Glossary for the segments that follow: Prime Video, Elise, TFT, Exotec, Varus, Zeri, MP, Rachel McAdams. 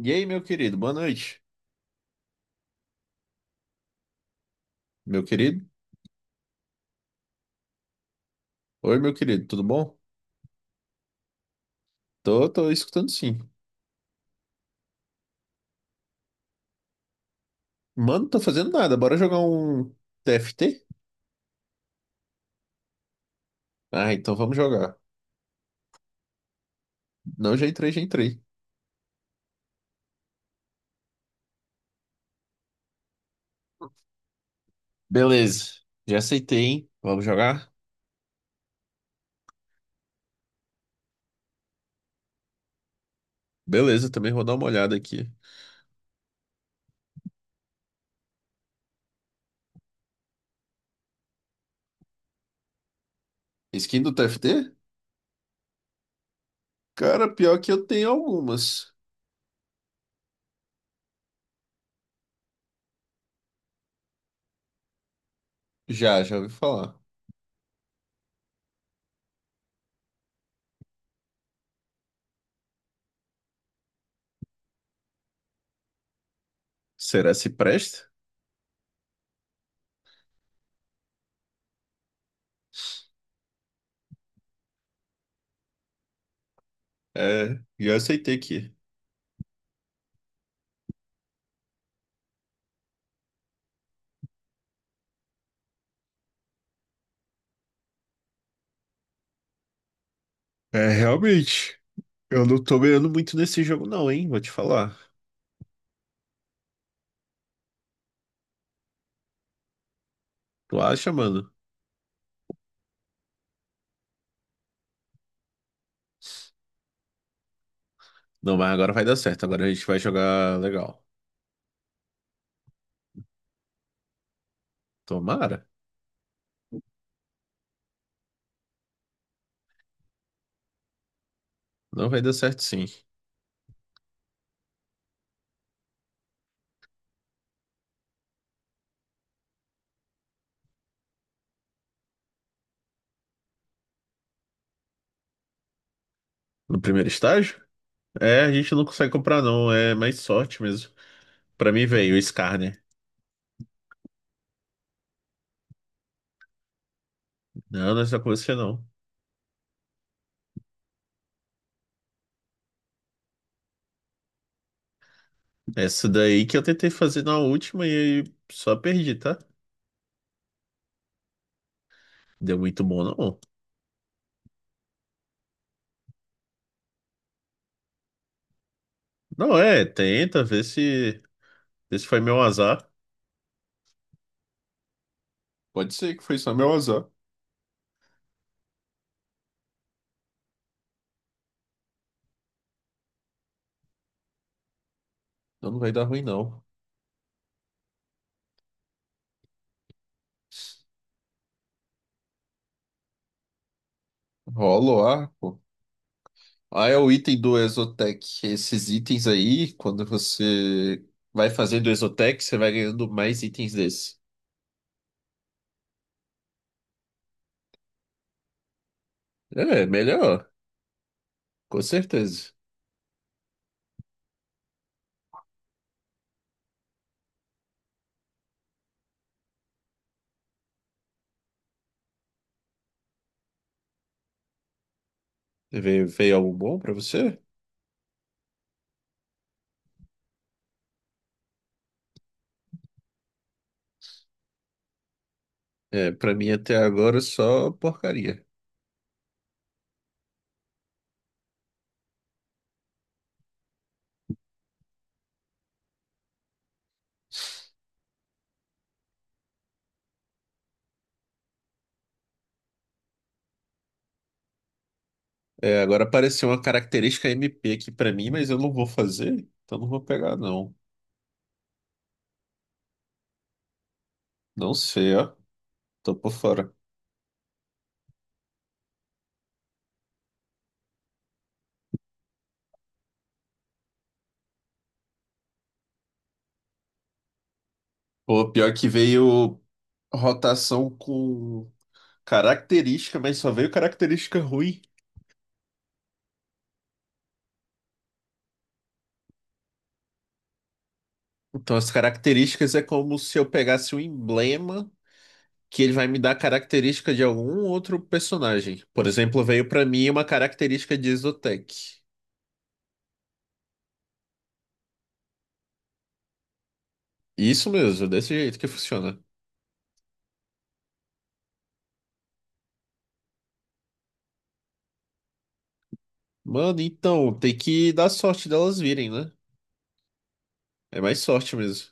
E aí, meu querido, boa noite. Meu querido? Oi, meu querido, tudo bom? Tô, escutando sim. Mano, não tô fazendo nada, bora jogar um TFT? Ah, então vamos jogar. Não, já entrei. Beleza, já aceitei, hein? Vamos jogar? Beleza, também vou dar uma olhada aqui. Skin do TFT? Cara, pior que eu tenho algumas. Já ouvi falar. Será se presta? É, já aceitei aqui. É, realmente. Eu não tô ganhando muito nesse jogo, não, hein? Vou te falar. Tu acha, mano? Não, mas agora vai dar certo. Agora a gente vai jogar legal. Tomara. Não vai dar certo, sim. No primeiro estágio? É, a gente não consegue comprar, não. É mais sorte mesmo. Pra mim, velho, o Scar, né? Não, não é só com você, não. Essa daí que eu tentei fazer na última e aí só perdi, tá? Deu muito bom, não. Não, é, tenta, vê se. Vê se foi meu azar. Pode ser que foi só meu azar. Então não vai dar ruim, não. Rola o ar. Ah, é o item do Exotec. Esses itens aí, quando você vai fazendo Exotec, você vai ganhando mais itens desse. É, é melhor, com certeza. Veio algo bom pra você? É, pra mim até agora só porcaria. É, agora apareceu uma característica MP aqui pra mim, mas eu não vou fazer, então não vou pegar não. Não sei, ó. Tô por fora. Pô, pior que veio rotação com característica, mas só veio característica ruim. Então, as características é como se eu pegasse um emblema que ele vai me dar característica de algum outro personagem. Por exemplo, veio pra mim uma característica de Exotec. Isso mesmo, desse jeito que funciona. Mano, então, tem que dar sorte delas virem, né? É mais sorte mesmo.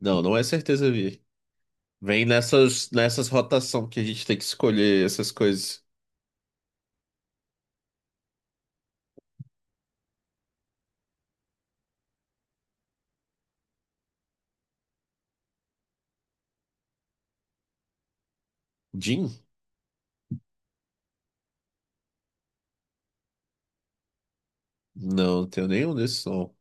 Não, não é certeza vir. Vem nessas rotação que a gente tem que escolher essas coisas. Jin? Não, não tenho nenhum desses, não.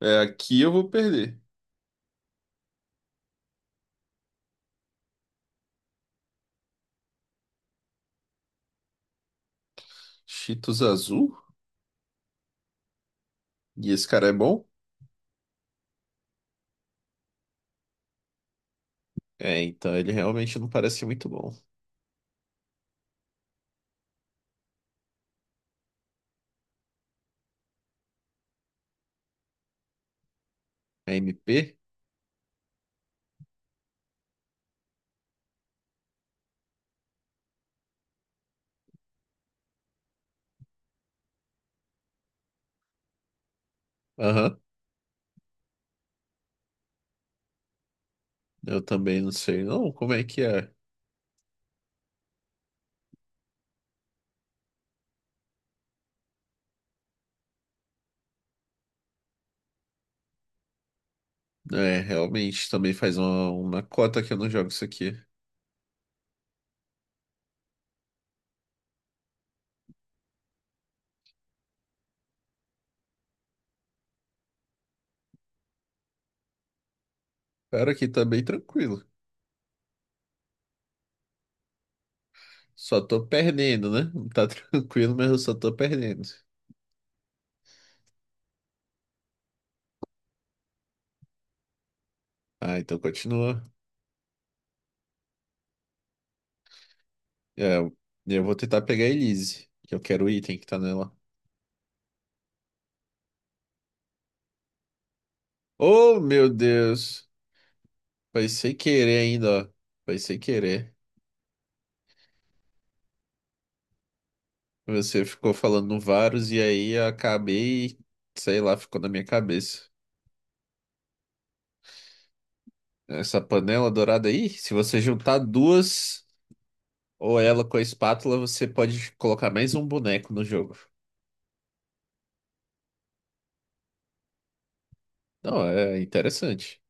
É, aqui eu vou perder. Cheetos azul? E esse cara é bom? É, então ele realmente não parece muito bom. A M P. Aham, eu também não sei não como é que é. É, realmente também faz uma cota que eu não jogo isso aqui. Cara, aqui tá bem tranquilo. Só tô perdendo, né? Tá tranquilo, mas eu só tô perdendo. Ah, então continua. É, eu vou tentar pegar a Elise, que eu quero o item que tá nela. Oh, meu Deus! Foi sem querer ainda, ó. Foi sem querer. Você ficou falando no Varus e aí eu acabei, sei lá, ficou na minha cabeça. Essa panela dourada aí, se você juntar duas ou ela com a espátula, você pode colocar mais um boneco no jogo. Não, é interessante.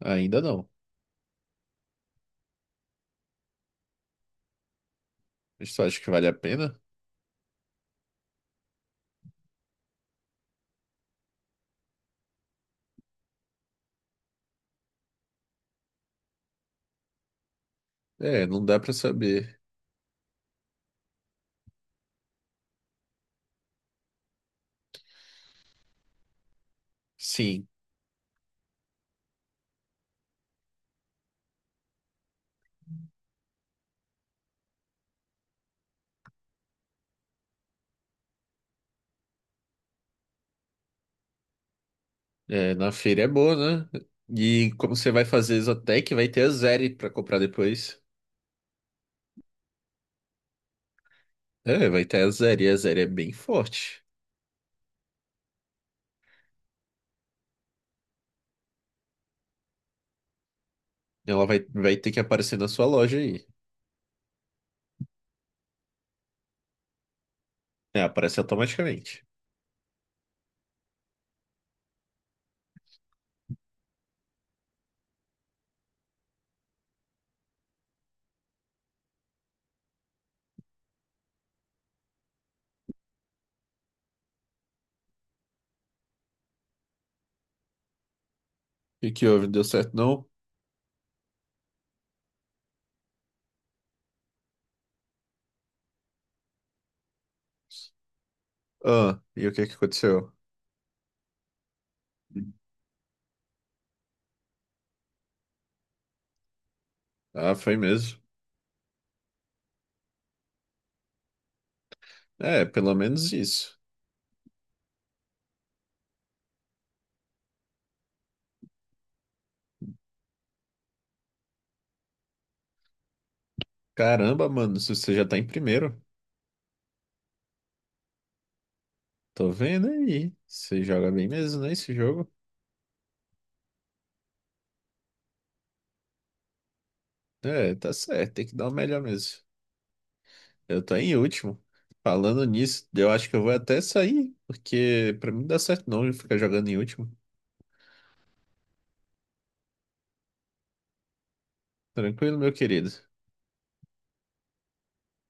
Ainda não. Eu só acho que vale a pena. É, não dá pra saber. Sim, é, na feira é boa, né? E como você vai fazer Exotec, vai ter a Zeri pra comprar depois. É, vai ter a Zeri. A Zeri é bem forte. Ela vai ter que aparecer na sua loja aí. É, aparece automaticamente. E que houve? Não deu certo, não? Ah, e o que que aconteceu? Hum. Ah, foi mesmo. É, pelo menos isso. Caramba, mano, se você já tá em primeiro. Tô vendo aí. Você joga bem mesmo, né, esse jogo? É, tá certo, tem que dar o melhor mesmo. Eu tô em último. Falando nisso, eu acho que eu vou até sair, porque pra mim não dá certo não ficar jogando em último. Tranquilo, meu querido.